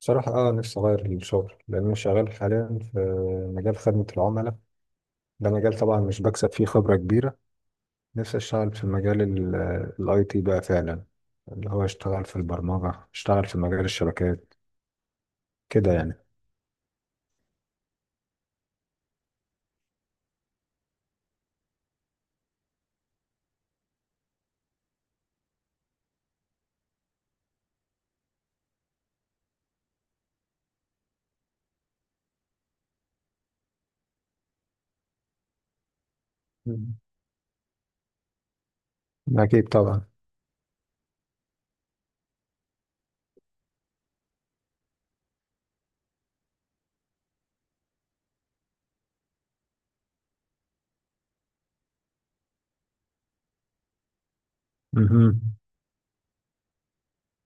بصراحة، نفسي اغير الشغل لان انا شغال حاليا في مجال خدمة العملاء. ده مجال طبعا مش بكسب فيه خبرة كبيرة. نفسي اشتغل في مجال الاي تي بقى فعلا، اللي هو اشتغل في البرمجة، اشتغل في مجال الشبكات، كده يعني. مم. اكيد طبعا. مهم.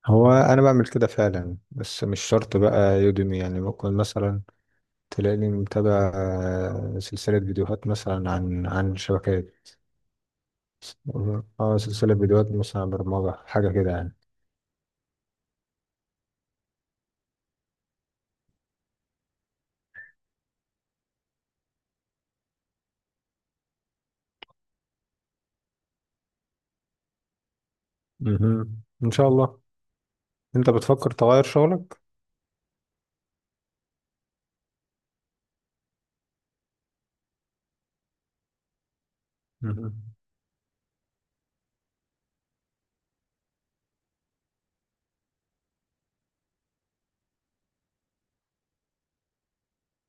هو انا بعمل كده فعلا، بس مش شرط بقى يوديمي، يعني ممكن مثلا تلاقيني متابع سلسلة فيديوهات مثلا عن شبكات. اه سلسلة فيديوهات مثلا عن برمجة، حاجة كده يعني. مهم. ان شاء الله. انت بتفكر تغير شغلك؟ مهم.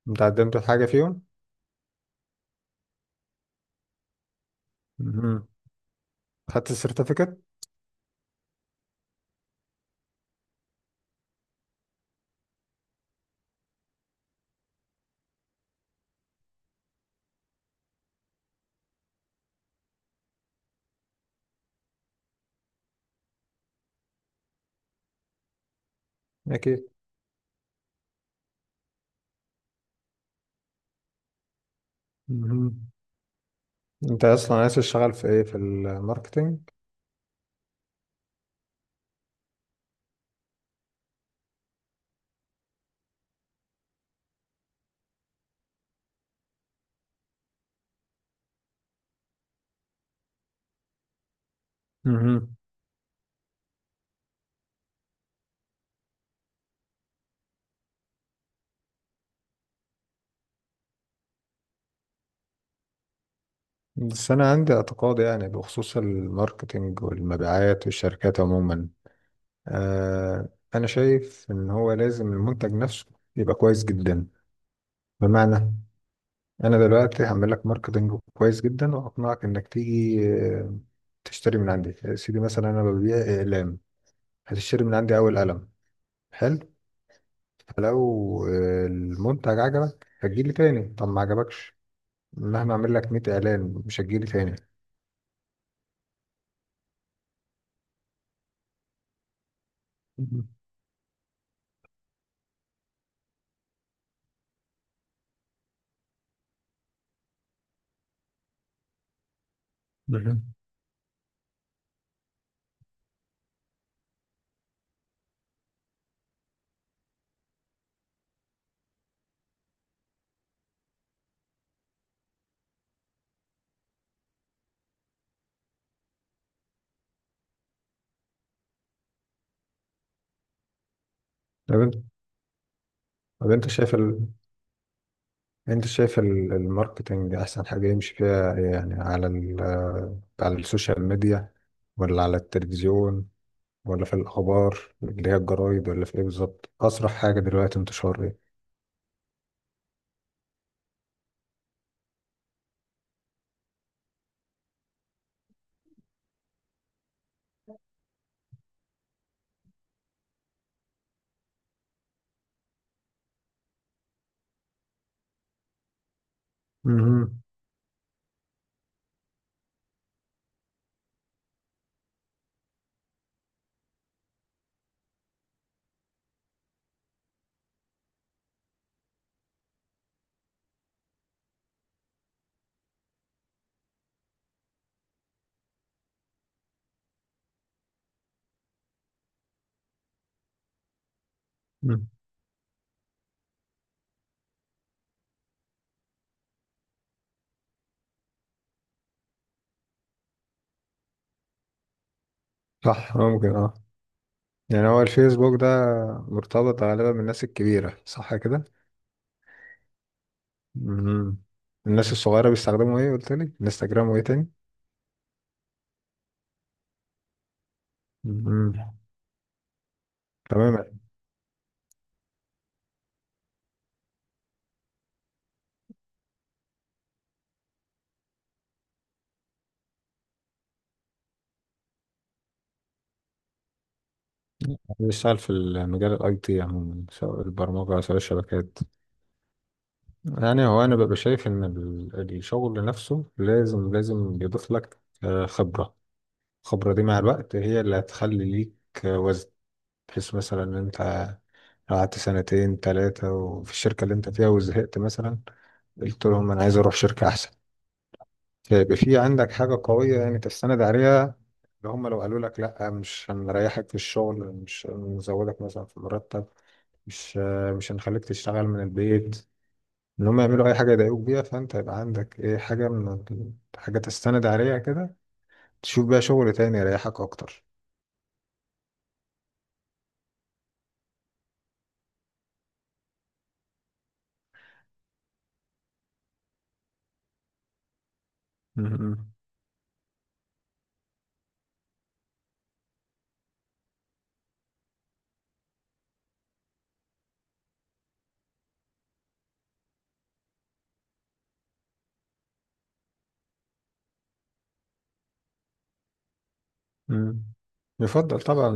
انت قدمت في حاجه فيهم؟ مهم. خدت السيرتيفيكت؟ اكيد. مهم. انت اصلا عايز تشتغل في ايه، في الماركتينج؟ مهم. بس انا عندي اعتقاد، يعني بخصوص الماركتينج والمبيعات والشركات عموما. آه انا شايف ان هو لازم المنتج نفسه يبقى كويس جدا. بمعنى، انا دلوقتي هعمل لك ماركتنج كويس جدا وهقنعك انك تيجي تشتري من عندي. يا سيدي، مثلا انا ببيع اقلام. هتشتري من عندي اول قلم، حلو. فلو المنتج عجبك هتجيلي تاني. طب ما عجبكش، مهما اعمل لك 100 اعلان مش هتجيلي تاني. مم. بالظبط. طب انت طب انت شايف ال... الماركتنج احسن حاجة يمشي فيها، يعني على ال... آه، على السوشيال ميديا، ولا على التلفزيون، ولا في الأخبار اللي هي الجرايد، ولا في إيه بالظبط؟ أسرع حاجة دلوقتي انتشار إيه؟ مهم. مم. صح، ممكن اه. يعني هو الفيسبوك ده مرتبط غالبا بالناس الكبيرة، صح كده؟ مهم. الناس الصغيرة بيستخدموا ايه، قلت لي؟ انستجرام وايه تاني؟ مهم. تمام يعني. بيشتغل في المجال الاي تي عموما، سواء البرمجة سواء الشبكات. يعني هو انا ببقى شايف ان الشغل نفسه لازم بيضيف لك خبرة. الخبرة دي مع الوقت هي اللي هتخلي ليك وزن، بحيث مثلا ان انت قعدت سنتين ثلاثة وفي الشركة اللي انت فيها وزهقت مثلا، قلت لهم انا عايز اروح شركة احسن. فيبقى في عندك حاجة قوية يعني تستند عليها. اللي هم لو قالوا لك لا، مش هنريحك في الشغل، مش هنزودك مثلا في المرتب، مش مش هنخليك تشتغل من البيت، ان هم يعملوا اي حاجة يضايقوك بيها، فانت يبقى عندك ايه، حاجة تستند عليها كده، تشوف بقى شغل تاني يريحك اكتر. مم. مم. يفضل طبعا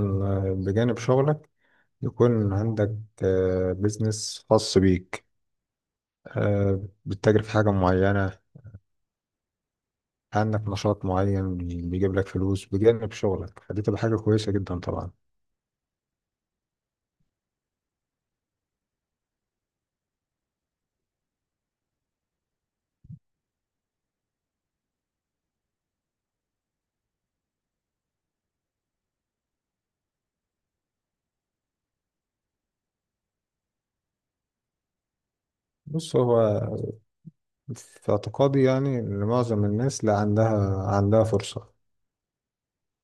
بجانب شغلك يكون عندك بيزنس خاص بيك، بتتاجر في حاجة معينة، عندك نشاط معين بيجيب لك فلوس بجانب شغلك، فدي تبقى حاجة كويسة جدا طبعا. بص، هو في اعتقادي يعني إن معظم الناس لا عندها فرصة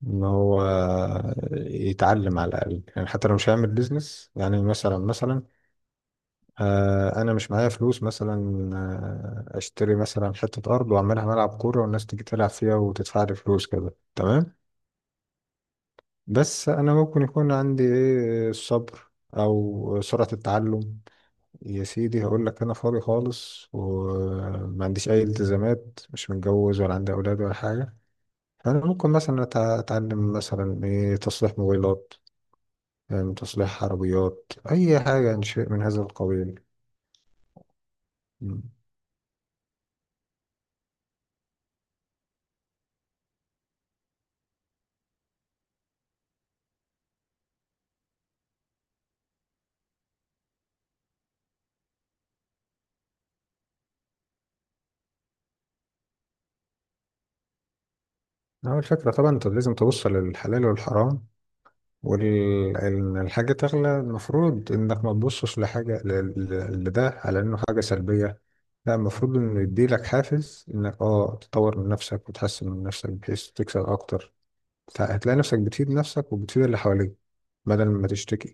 إن هو يتعلم على الأقل. يعني حتى لو مش هيعمل بيزنس، يعني مثلا أنا مش معايا فلوس مثلا، أشتري مثلا حتة أرض وأعملها ملعب كورة والناس تيجي تلعب فيها وتدفع لي فلوس، كده تمام. بس انا ممكن يكون عندي ايه، الصبر او سرعة التعلم. يا سيدي، هقول لك انا فاضي خالص وما عنديش اي التزامات، مش متجوز ولا عندي اولاد ولا حاجة. فانا ممكن مثلا اتعلم مثلا ايه، تصليح موبايلات، يعني تصليح عربيات، اي حاجة يعني، شيء من هذا القبيل. مم. اول فكرة طبعا انت لازم تبص للحلال والحرام. والحاجة تغلى، المفروض إنك ما تبصش لحاجة، لده على إنه حاجة سلبية. لا، المفروض إنه يديلك حافز إنك تطور من نفسك وتحسن من نفسك بحيث تكسب أكتر. هتلاقي نفسك بتفيد نفسك وبتفيد اللي حواليك، بدل ما تشتكي.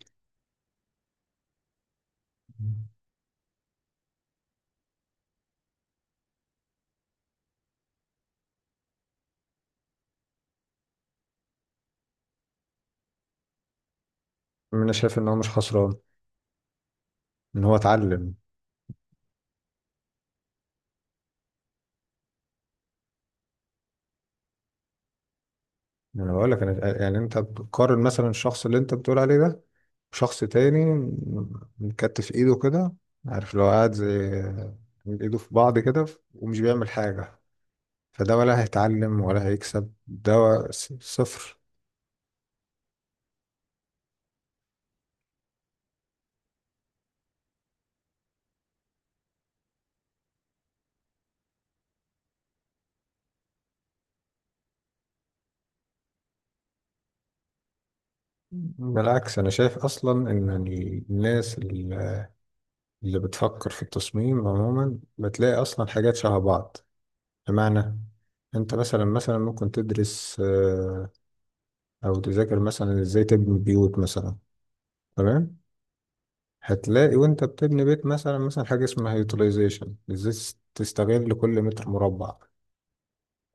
أنا شايف إن هو مش خسران إن هو اتعلم. يعني أنا بقول لك، أنا يعني أنت بتقارن مثلا، الشخص اللي أنت بتقول عليه ده شخص تاني مكتف ايده كده. عارف، لو قاعد زي ايده في بعض كده ومش بيعمل حاجة، فده ولا هيتعلم ولا هيكسب، ده صفر. بالعكس، أنا شايف أصلا إن الناس اللي بتفكر في التصميم عموما بتلاقي أصلا حاجات شبه بعض. بمعنى، أنت مثلا ممكن تدرس أو تذاكر مثلا إزاي تبني بيوت مثلا. تمام. هتلاقي وانت بتبني بيت مثلا حاجة اسمها يوتيلايزيشن، ازاي تستغل كل متر مربع.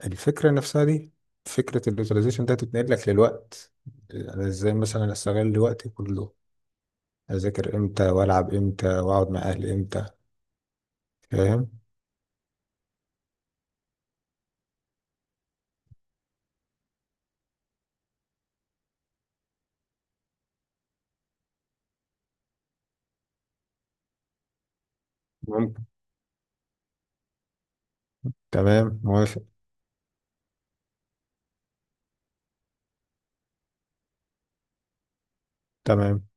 الفكرة نفسها دي، فكرة اليوتيلايزيشن ده هتتنقل لك للوقت. انا ازاي مثلا استغل وقتي كله، اذاكر امتى والعب امتى واقعد مع اهلي امتى. فاهم. ممكن. تمام، موافق. تمام.